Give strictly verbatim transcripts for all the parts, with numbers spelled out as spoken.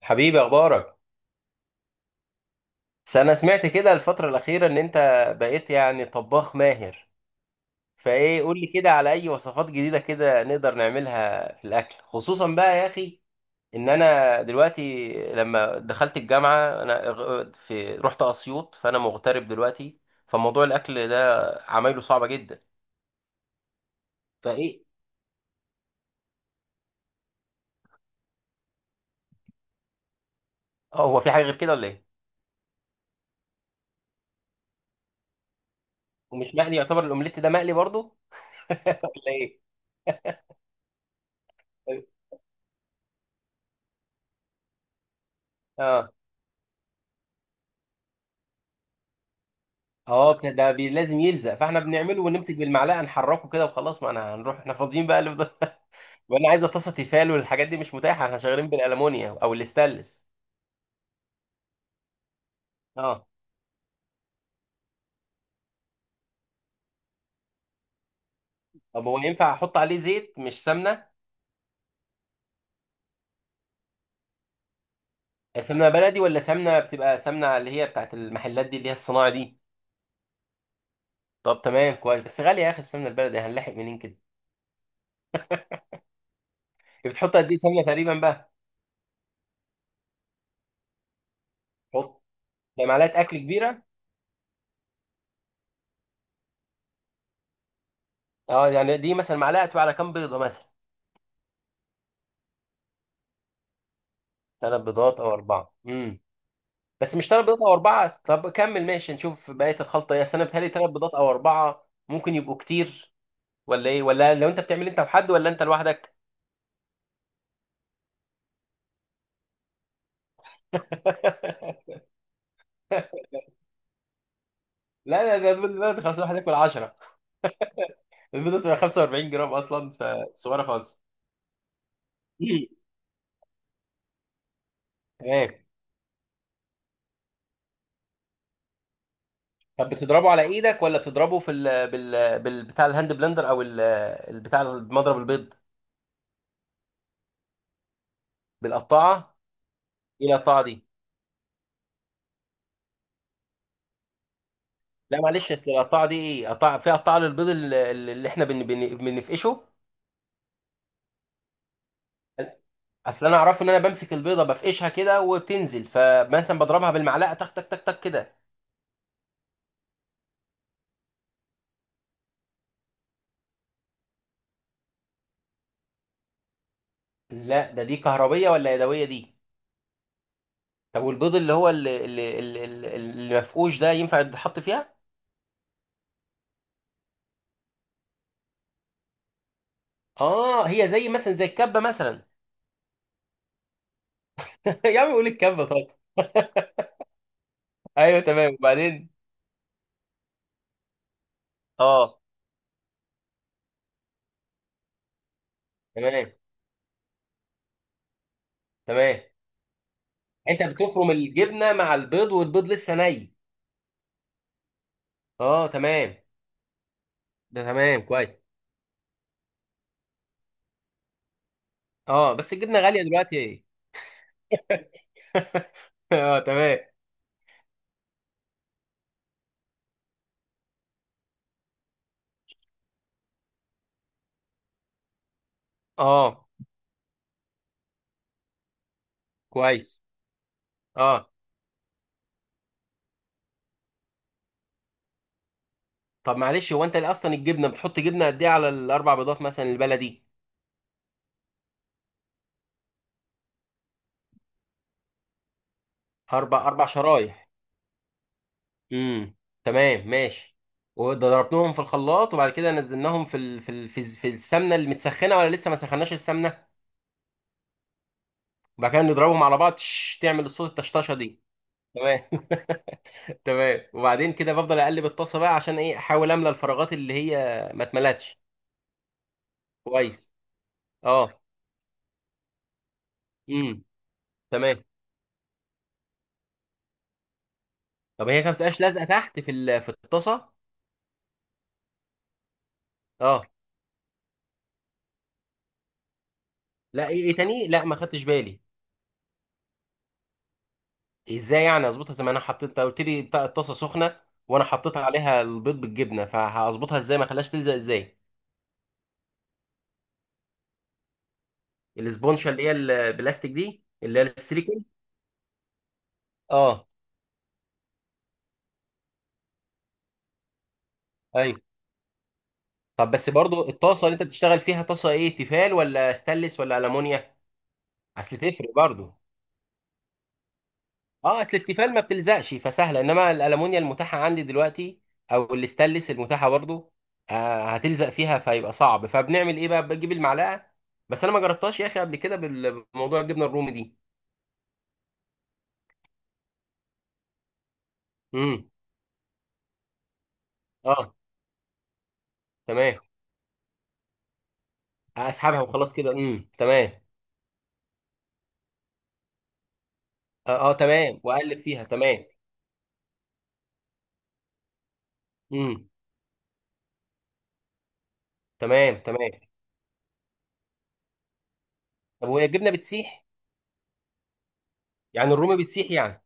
حبيبي، اخبارك؟ بس انا سمعت كده الفتره الاخيره ان انت بقيت يعني طباخ ماهر. فايه، قول لي كده على اي وصفات جديده كده نقدر نعملها في الاكل، خصوصا بقى يا اخي، ان انا دلوقتي لما دخلت الجامعه انا غ- في رحت اسيوط، فانا مغترب دلوقتي. فموضوع الاكل ده عمايله صعبه جدا. فايه؟ اه، هو في حاجه غير كده ولا ايه؟ ومش مقلي؟ يعتبر الاومليت ده مقلي برضو ولا ايه؟ طيب. اه اه بت- ده بي- لازم يلزق، فاحنا بنعمله ونمسك بالمعلقه نحركه كده وخلاص، ما انا هنروح احنا فاضيين بقى اللي فضل. وانا عايزه طاسه تيفال والحاجات دي مش متاحه، احنا شغالين بالالمونيا او الاستانلس. اه، طب هو ينفع احط عليه زيت مش سمنه؟ سمنه بلدي ولا سمنه بتبقى سمنه اللي هي بتاعت المحلات دي اللي هي الصناعه دي؟ طب تمام كويس، بس غاليه يا اخي السمنه البلدي، هنلاحق منين كده؟ بتحط قد ايه سمنه تقريبا بقى؟ حط، ده معلقه اكل كبيره. اه يعني دي مثلا معلقه تبقى على كام بيضه مثلا؟ ثلاث بيضات او اربعه، امم بس مش ثلاث بيضات او اربعه، طب كمل ماشي نشوف بقيه الخلطه ايه، اصل انا بتهيألي ثلاث بيضات او اربعه ممكن يبقوا كتير. ولا ايه؟ ولا لو انت بتعمل انت وحد ولا انت لوحدك؟ لا لا، ده البيض البلد خلاص الواحد ياكل عشرة. البيضه بتبقى خمسة واربعين جرام اصلا، فصغيره خالص. مم. تمام. طب بتضربه على ايدك ولا بتضربه في ال بال بال بتاع الهاند بلندر او ال البتاع مضرب البيض؟ بالقطاعه؟ ايه القطاعه دي؟ لا معلش، اصل القطاعه دي ايه؟ قطاعه؟ في قطاعه للبيض اللي اللي احنا بن بن بنفقشه؟ اصل انا اعرفه ان انا بمسك البيضه بفقشها كده وبتنزل، فمثلا بضربها بالمعلقه تك تك تك تك كده. لا ده دي كهربيه ولا يدويه دي؟ طب والبيض اللي هو اللي اللي اللي اللي- اللي مفقوش ده ينفع يتحط فيها؟ اه هي زي مثلا زي الكبه مثلا؟ يا عم قول الكبه. طب ايوه تمام. وبعدين؟ اه، تمام تمام. انت بتفرم الجبنه مع البيض والبيض لسه ني؟ اه تمام. ده تمام كويس. اه بس الجبنه غاليه دلوقتي. اه تمام. اه كويس. اه طب معلش، هو انت ليه اصلا الجبنه بتحط جبنه قد ايه على الاربع بيضات مثلا البلدي؟ اربع، اربع شرايح. امم تمام ماشي. وضربناهم في الخلاط وبعد كده نزلناهم في ال... في ال... في, الز- في السمنه المتسخنه، ولا لسه ما سخناش السمنه؟ وبعد كده نضربهم على بعض تش تعمل الصوت الطشطشه دي. تمام. تمام وبعدين كده بفضل اقلب الطاسه بقى عشان ايه احاول املى الفراغات اللي هي ما اتملتش. كويس. اه امم تمام. طب هي كانت بتبقاش لازقه تحت في ال... في الطاسه؟ اه لا، ايه؟ إيه تاني؟ لا ما خدتش بالي. ازاي يعني اظبطها؟ زي ما انا حطيت، أنت قلت لي بتاع الطاسه سخنه وانا حطيت عليها البيض بالجبنه، فهظبطها ازاي ما خلاش تلزق، ازاي؟ الاسبونشا اللي هي البلاستيك دي اللي هي السيليكون؟ اه ايوه. طب بس برضو الطاسه اللي انت بتشتغل فيها طاسه ايه، تيفال ولا ستانلس ولا المونيا؟ اصل تفرق برضو. اه اصل التيفال ما بتلزقش فسهله، انما الالومنيا المتاحه عندي دلوقتي او الاستانلس المتاحه برضو آه هتلزق فيها، فيبقى صعب، فبنعمل ايه بقى بجيب المعلقه. بس انا ما جربتهاش يا اخي قبل كده بال- بموضوع الجبنه الرومي دي. امم اه تمام. اسحبها وخلاص كده، امم تمام. اه، اه تمام واقلب فيها، تمام. امم تمام تمام. طب وهي الجبنه بتسيح؟ يعني الرومي بتسيح يعني؟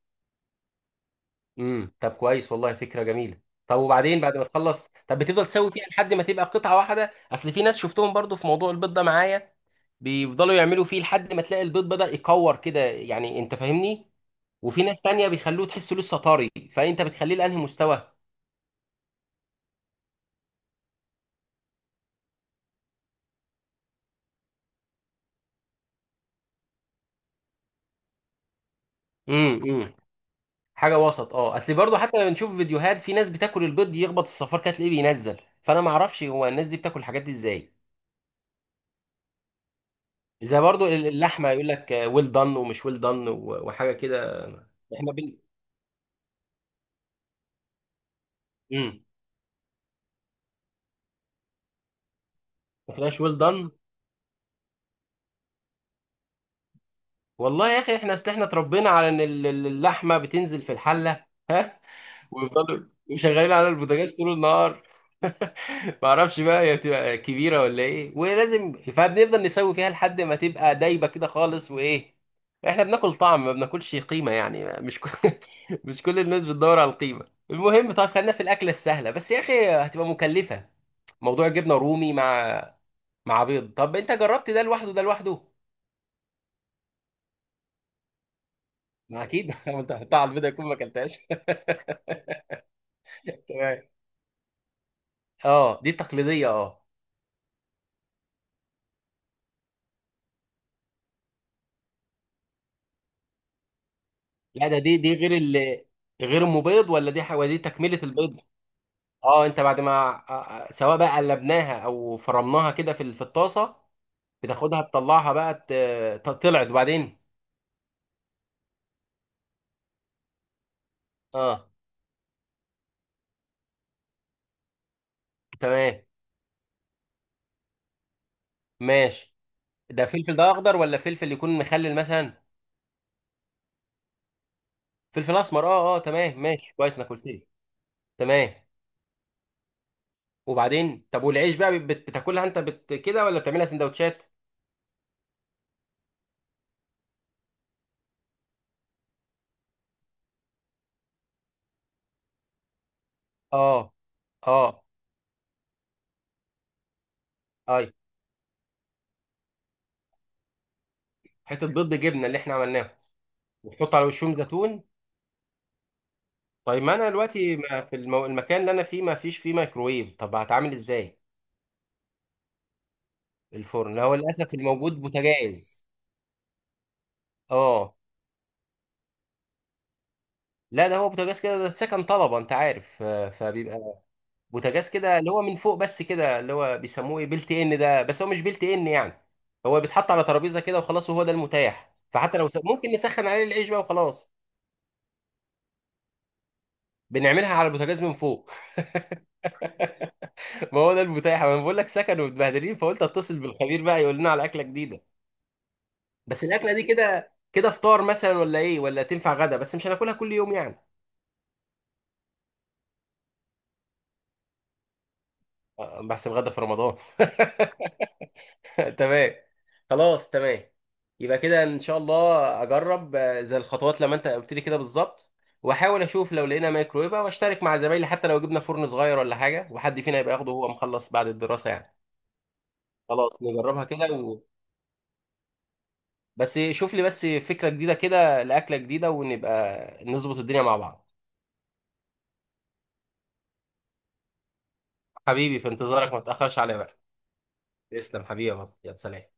امم طب كويس والله، فكره جميله. طب وبعدين بعد ما تخلص؟ طب بتفضل تسوي فيها لحد ما تبقى قطعه واحده؟ اصل في ناس شفتهم برضو في موضوع البيض ده معايا بيفضلوا يعملوا فيه لحد ما تلاقي البيض بدأ يكور كده، يعني انت فاهمني؟ وفي ناس تانية بيخلوه تحسه لسه طري. فانت بتخليه لانهي مستوى؟ امم امم حاجه وسط. اه اصل برضو حتى لما بنشوف فيديوهات في ناس بتاكل البيض يخبط الصفار كده تلاقيه بينزل، فانا ما اعرفش هو الناس دي بتاكل الحاجات دي ازاي. زي برضو اللحمه يقول لك ويل دان ومش ويل دان وحاجه كده. احنا بن... مم. فلاش ويل دان. والله يا اخي احنا اصل احنا اتربينا على ان ال- ال- اللحمه بتنزل في الحله ويفضلوا شغالين على البوتاجاز طول النهار. ما اعرفش بقى هي بتبقى كبيره ولا ايه ولازم، فبنفضل نسوي فيها لحد ما تبقى دايبه كده خالص. وايه، احنا بناكل طعم ما بناكلش قيمه يعني. مش كل... مش كل الناس بتدور على القيمه. المهم، طب خلينا في الاكله السهله، بس يا اخي هتبقى مكلفه، موضوع جبنه رومي مع مع بيض. طب انت جربت ده لوحده، ده لوحده؟ ما اكيد لو انت هتحطها على البيضه يكون ما اكلتهاش. تمام. اه دي تقليديه اه. لا، ده دي دي غير ال غير ام بيض، ولا دي حاجه دي تكمله البيض؟ اه انت بعد ما، آه، آه، سواء بقى قلبناها او فرمناها كده في ال- في الطاسه، بتاخدها تطلعها بقى ت- ت- طلعت، وبعدين؟ اه تمام ماشي. ده فلفل ده اخضر ولا فلفل يكون مخلل مثلا؟ فلفل اسمر؟ اه اه تمام ماشي، كويس انك قلت لي. تمام. وبعدين؟ طب والعيش بقى بت- بتاكلها انت بت كده ولا بتعملها سندوتشات؟ اه اه اي حته بيض بجبنه اللي احنا عملناها. وتحط على وشهم زيتون؟ طيب، ما انا دلوقتي ما في المو... المكان اللي انا فيه ما فيش فيه ميكرويف، طب هتعامل ازاي؟ الفرن هو للاسف الموجود بوتاجاز. اه لا، ده هو بوتاجاز كده، ده سكن طلبه انت عارف، آه، فبيبقى بوتاجاز كده اللي هو من فوق بس كده اللي هو بيسموه ايه، بيلت ان ده، بس هو مش بيلت ان يعني، هو بيتحط على ترابيزه كده وخلاص، وهو ده المتاح. فحتى لو س... ممكن نسخن عليه العيش بقى وخلاص. بنعملها على البوتاجاز من فوق. ما هو ده المتاح، انا بقول لك سكن ومتبهدلين، فقلت اتصل بالخبير بقى يقول لنا على اكله جديده. بس الاكله دي كده كده فطار مثلا ولا ايه؟ ولا تنفع غدا، بس مش هناكلها كل يوم يعني؟ آه، بحسب غدا في رمضان. تمام. خلاص تمام. يبقى كده ان شاء الله اجرب آه، زي الخطوات لما انت قلت لي كده بالظبط، واحاول اشوف لو لقينا مايكرويف، واشترك مع زمايلي حتى لو جبنا فرن صغير ولا حاجه، وحد فينا يبقى ياخده وهو مخلص بعد الدراسه يعني. خلاص نجربها كده. بس شوف لي بس فكرة جديدة كده لأكلة جديدة ونبقى نظبط الدنيا مع بعض. حبيبي في انتظارك، ما تأخرش عليا بقى. تسلم حبيبي يا بابا. يا سلام.